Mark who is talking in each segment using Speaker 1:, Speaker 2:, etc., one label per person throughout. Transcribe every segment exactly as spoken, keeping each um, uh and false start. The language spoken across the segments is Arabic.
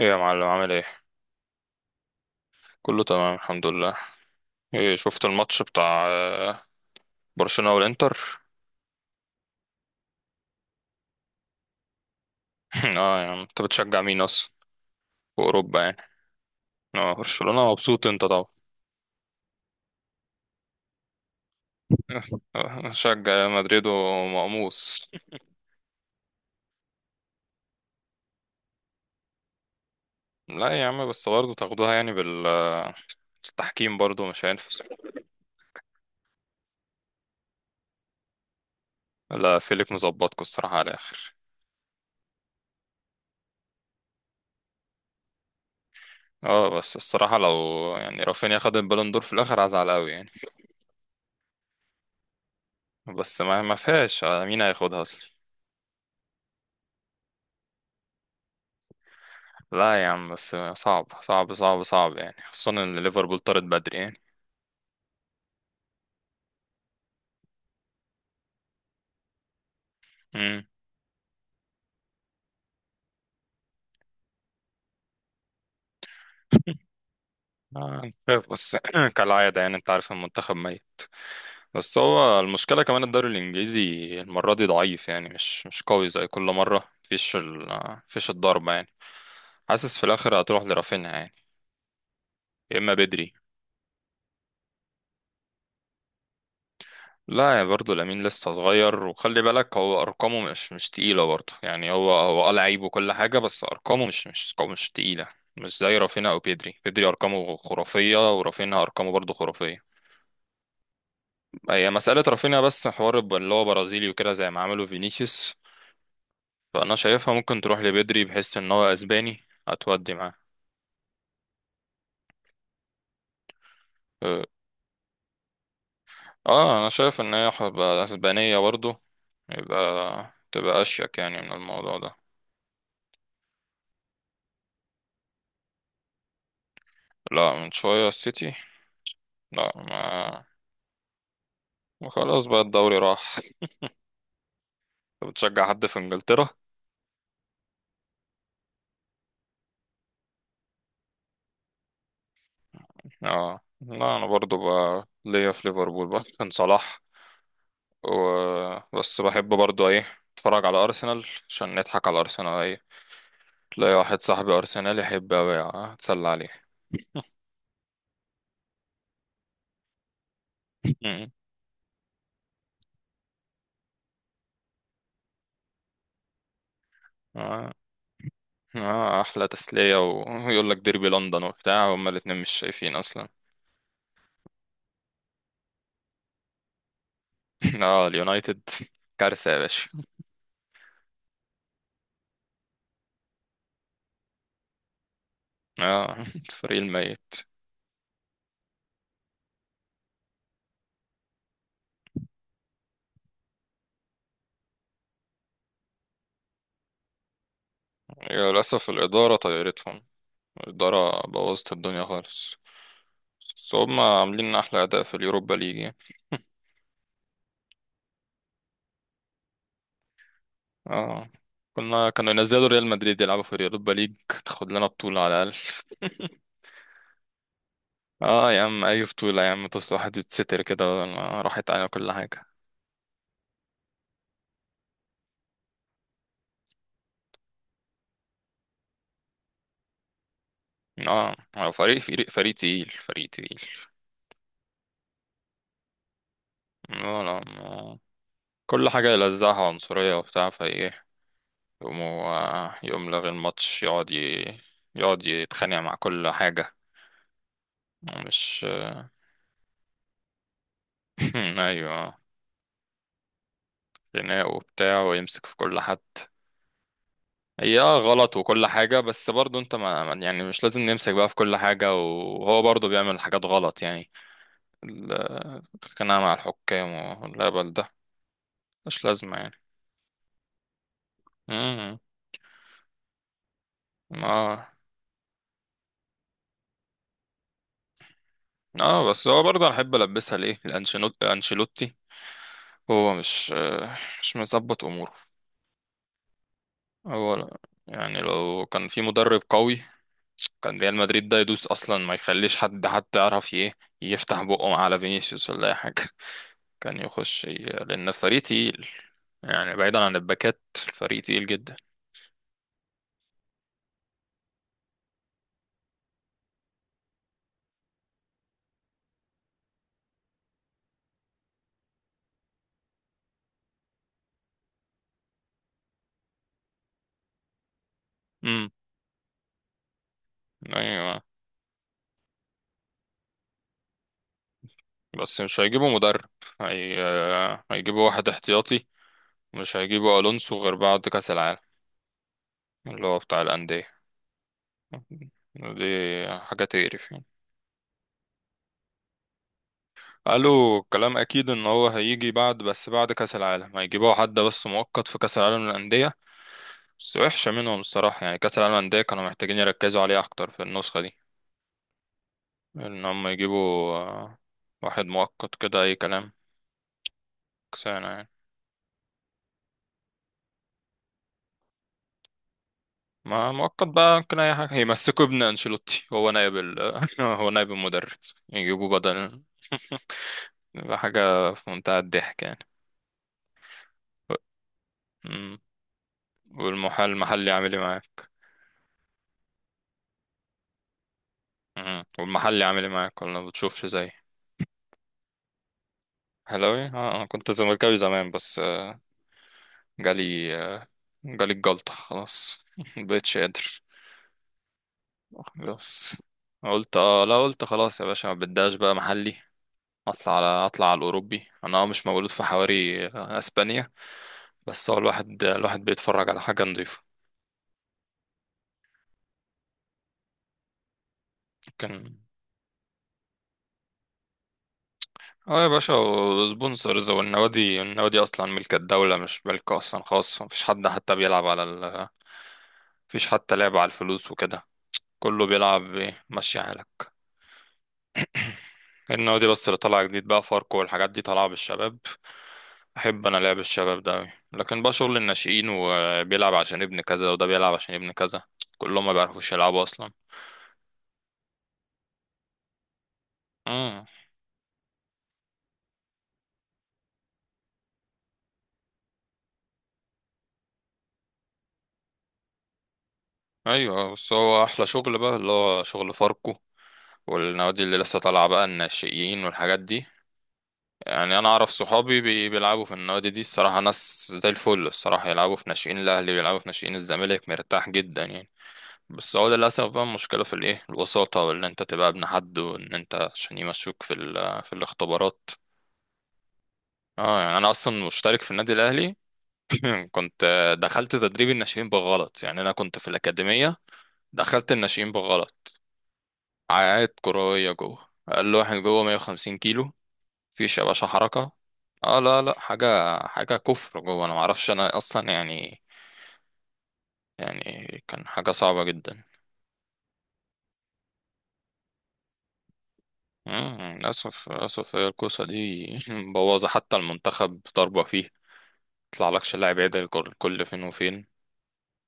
Speaker 1: ايه يا معلم، عامل ايه؟ كله تمام، الحمد لله. ايه شفت الماتش بتاع آه، برشلونة والانتر؟ اه، يعني انت بتشجع مين اصلا في اوروبا يعني؟ اه، برشلونة، مبسوط انت طبعا. آه، شجع مدريد ومقموص. لا يا عم، بس برضه تاخدوها يعني بال آه، التحكيم برضه مش هينفع. لا، فيليك مظبطكوا الصراحة على الآخر. اه بس الصراحة لو يعني رافينيا خد البالون دور في الآخر هزعل قوي يعني. بس ما ما فيهاش، آه، مين هياخدها؟ لا يا عم، بس صعب صعب صعب صعب يعني، خصوصا ان ليفربول طارت بدري يعني. امم. آه، خايف بس كالعادة، يعني انت عارف، المنتخب ميت. بس هو المشكلة كمان الدوري الانجليزي المرة دي ضعيف، يعني مش مش قوي زي كل مرة، مفيش ال مفيش الضربة يعني. حاسس في الاخر هتروح لرافينيا يعني، يا اما بدري. لا، يا برضه لامين لسه صغير، وخلي بالك هو ارقامه مش مش تقيله برضه يعني، هو هو اه لعيب وكل حاجه، بس ارقامه مش مش مش تقيله. مش زي رافينا او بيدري بيدري ارقامه خرافيه، ورافينا ارقامه برضه خرافيه. هي مساله رافينا بس حوار ب- اللي هو برازيلي وكده، زي ما عملوا فينيسيوس. فانا شايفها ممكن تروح لبيدري بحيث ان هو اسباني، هتودي معاه. اه آه، انا شايف ان هي هتبقى اسبانيه برضه، يبقى تبقى اشيك يعني من الموضوع ده. لا من شويه السيتي، لا ما، وخلاص بقى الدوري راح. أنت بتشجع حد في انجلترا؟ اه لا، انا برضو بقى ليا في ليفربول بقى كان صلاح و... بس بحب برضو ايه، اتفرج على ارسنال عشان نضحك على ارسنال، ايه، تلاقي واحد صاحبي ارسنال يحب اوي، آه، اتسلى عليه. مم. اه، اه احلى تسلية و- ويقول لك ديربي لندن وبتاع، هما الاتنين مش شايفين اصلا. اه اليونايتد، كارثة يا باشا. اه الفريق الميت. للأسف الإدارة طيرتهم، الإدارة بوظت الدنيا خالص. بس هم عاملين أحلى أداء في اليوروبا ليج يعني. اه كنا كانوا ينزلوا ريال مدريد يلعبوا في اليوروبا ليج، تاخد لنا بطولة على الأقل. اه يا عم، أي بطولة يا عم تصل، واحد يتستر كده بدل ما راحت على كل حاجة. اه هو فريق فريق فريق تقيل، فريق تقيل. لا لا، ما- كل حاجة يلزقها عنصرية وبتاع فايه، يقوم هو- يقوم لغي الماتش، يقعد ي... يقعد يتخانق مع كل حاجة، مش. ايوه، خناق وبتاع ويمسك في كل حد. هي اه غلط وكل حاجة، بس برضه انت ما ما- يعني مش لازم نمسك بقى في كل حاجة، وهو برضه بيعمل حاجات غلط يعني. ال- الخناقة مع الحكام والهبل ده مش لازمة يعني. امم. اه اه بس هو برضه انا احب البسها ليه، الانشيلوتي، الانشيلوتي هو مش آه، مش مظبط اموره. هو لا- يعني لو كان في مدرب قوي، كان ريال مدريد ده يدوس اصلا، ما يخليش حد حتى يعرف ي- ايه، يفتح بقه على فينيسيوس ولا اي حاجة. كان يخش ي- لأن الفريق تقيل يعني، بعيدا عن الباكات، الفريق تقيل جدا. امم. ايوه بس مش هيجيبوا مدرب، هي... هيجيبوا واحد احتياطي، مش هيجيبوا الونسو غير بعد كاس العالم، اللي هو بتاع الانديه، دي حاجه تقرف يعني. قالوا كلام اكيد ان هو هيجي بعد، بس بعد كاس العالم هيجيبوا حد بس مؤقت في كاس العالم للانديه. بس وحشه منهم الصراحه يعني، كاس العالم للانديه كانوا محتاجين يركزوا عليه اكتر في النسخه دي، ان هم يجيبوا آه، واحد مؤقت كده اي كلام، كسانة يعني. ما مؤقت بقى ممكن اي حاجة، يمسكوا ابن انشيلوتي، هو نائب ال... هو نائب المدرب، يجيبوا بدل يبقى حاجة في منتهى الضحك يعني. مم. والمحل المحلي عامل ايه معاك؟ مم. والمحلي عامل ايه معاك؟ ولا ما بتشوفش زي حلاوي؟ اه انا كنت زملكاوي زمان بس آه، جالي آه، جالي الجلطة خلاص. مبقتش قادر، خلاص. قلت اه لا، قلت خلاص يا باشا، ما بداش بقى محلي. اطلع على اطلع على الاوروبي، انا آه مش مولود في حواري آه، اسبانيا. بس هو الواحد الواحد بيتفرج على حاجه نظيفه، كان اه يا باشا. سبونسرز والنوادي النوادي اصلا ملك الدوله، مش ملك اصلا خاص، مفيش حد حتى بيلعب على ال... مفيش حتى لعب على الفلوس وكده، كله بيلعب إيه، ماشي حالك. النوادي بس اللي طالعه جديد بقى فاركو والحاجات دي طالعه بالشباب، احب انا لعب الشباب ده أوي. لكن بقى شغل الناشئين، وبيلعب عشان ابن كذا، وده بيلعب عشان ابن كذا، كلهم ما بيعرفوش يلعبوا اصلا. امم، ايوه، آه، بس هو احلى شغل بقى اللي هو شغل فاركو، والنوادي اللي لسه طالعه بقى الناشئين والحاجات دي. يعني انا اعرف صحابي بي- بيلعبوا في النوادي دي، الصراحه ناس زي الفل، الصراحه يلعبوا في ناشئين الاهلي، بيلعبوا في ناشئين الزمالك، مرتاح جدا يعني. بس هو للاسف بقى، المشكله في الايه الوساطه، وان انت تبقى ابن حد، وان انت عشان يمشوك في ال- في الاختبارات. اه يعني انا اصلا مشترك في النادي الاهلي. كنت دخلت تدريب الناشئين بالغلط، يعني انا كنت في الاكاديميه، دخلت الناشئين بالغلط. عقاد كروية جوه، أقل واحد جوه مية وخمسين كيلو، مفيش يا باشا حركة. اه لا لا، حاجة حاجة كفر جوه، أنا معرفش أنا أصلا يعني يعني كان حاجة صعبة جدا. مم، للأسف للأسف هي الكوسة دي مبوظة حتى المنتخب ضربة فيه. يطلع لكش لاعب يعدل كل كل فين وفين.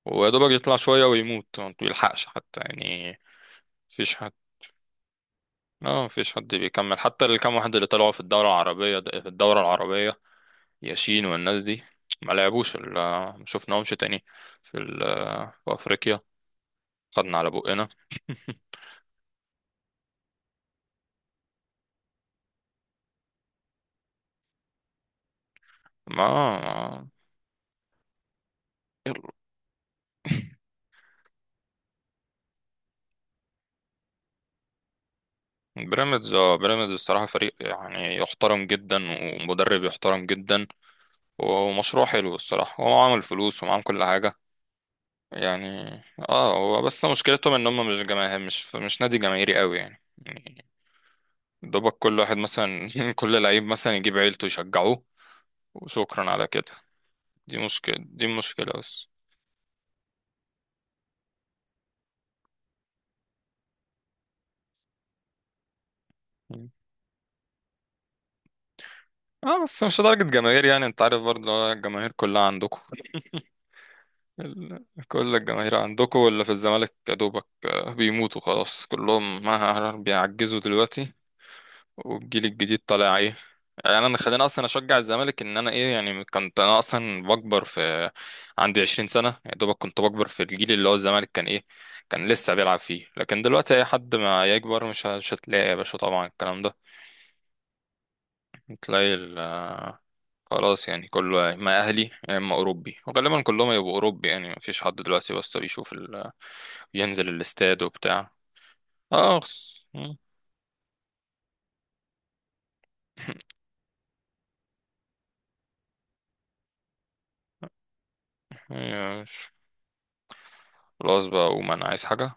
Speaker 1: ويا دوبك يطلع شوية ويموت، ما بيلحقش حتى يعني. مفيش حد اه مفيش حد بيكمل حتى، الكام واحد اللي طلعوا في الدورة العربية في الدورة العربية ياسين والناس دي، ما لعبوش ال- ما شفناهمش تاني في ال- في افريقيا، خدنا على بقنا. ما ما- يلا. بيراميدز اه، بيراميدز الصراحة فريق يعني يحترم جدا، ومدرب يحترم جدا، ومشروع حلو الصراحة، هو عامل فلوس ومعامل كل حاجة يعني. اه هو بس مشكلتهم ان هم مش جماهير، مش مش نادي جماهيري قوي يعني يعني. دوبك كل واحد مثلا كل لعيب مثلا يجيب عيلته يشجعوه، وشكرا على كده. دي مشكلة، دي مشكلة بس. مم. اه بس مش لدرجة جماهير، يعني انت عارف برضه، اللي هو الجماهير كلها عندكم، ال... كل الجماهير عندكم، واللي في الزمالك يا دوبك آه، بيموتوا خلاص كلهم، ما بيعجزوا دلوقتي. والجيل الجديد طالع ايه. يعني انا خليني اصلا اشجع الزمالك ان انا ايه يعني، كنت انا اصلا بكبر في، عندي عشرين سنة يا دوبك، كنت بكبر في الجيل اللي هو الزمالك كان ايه، كان لسه بيلعب فيه، لكن دلوقتي اي حد ما يكبر مش ه- مش هتلاقي يا باشا طبعا الكلام ده. تلاقي ال- خلاص يعني، كله يا اما اهلي يا اما اوروبي، وغالبا كلهم يبقوا اوروبي يعني، مفيش حد دلوقتي بس بيشوف ال... ينزل الاستاد وبتاع. اه خلاص ماشي. خلاص بقى اقوم، انا عايز حاجة.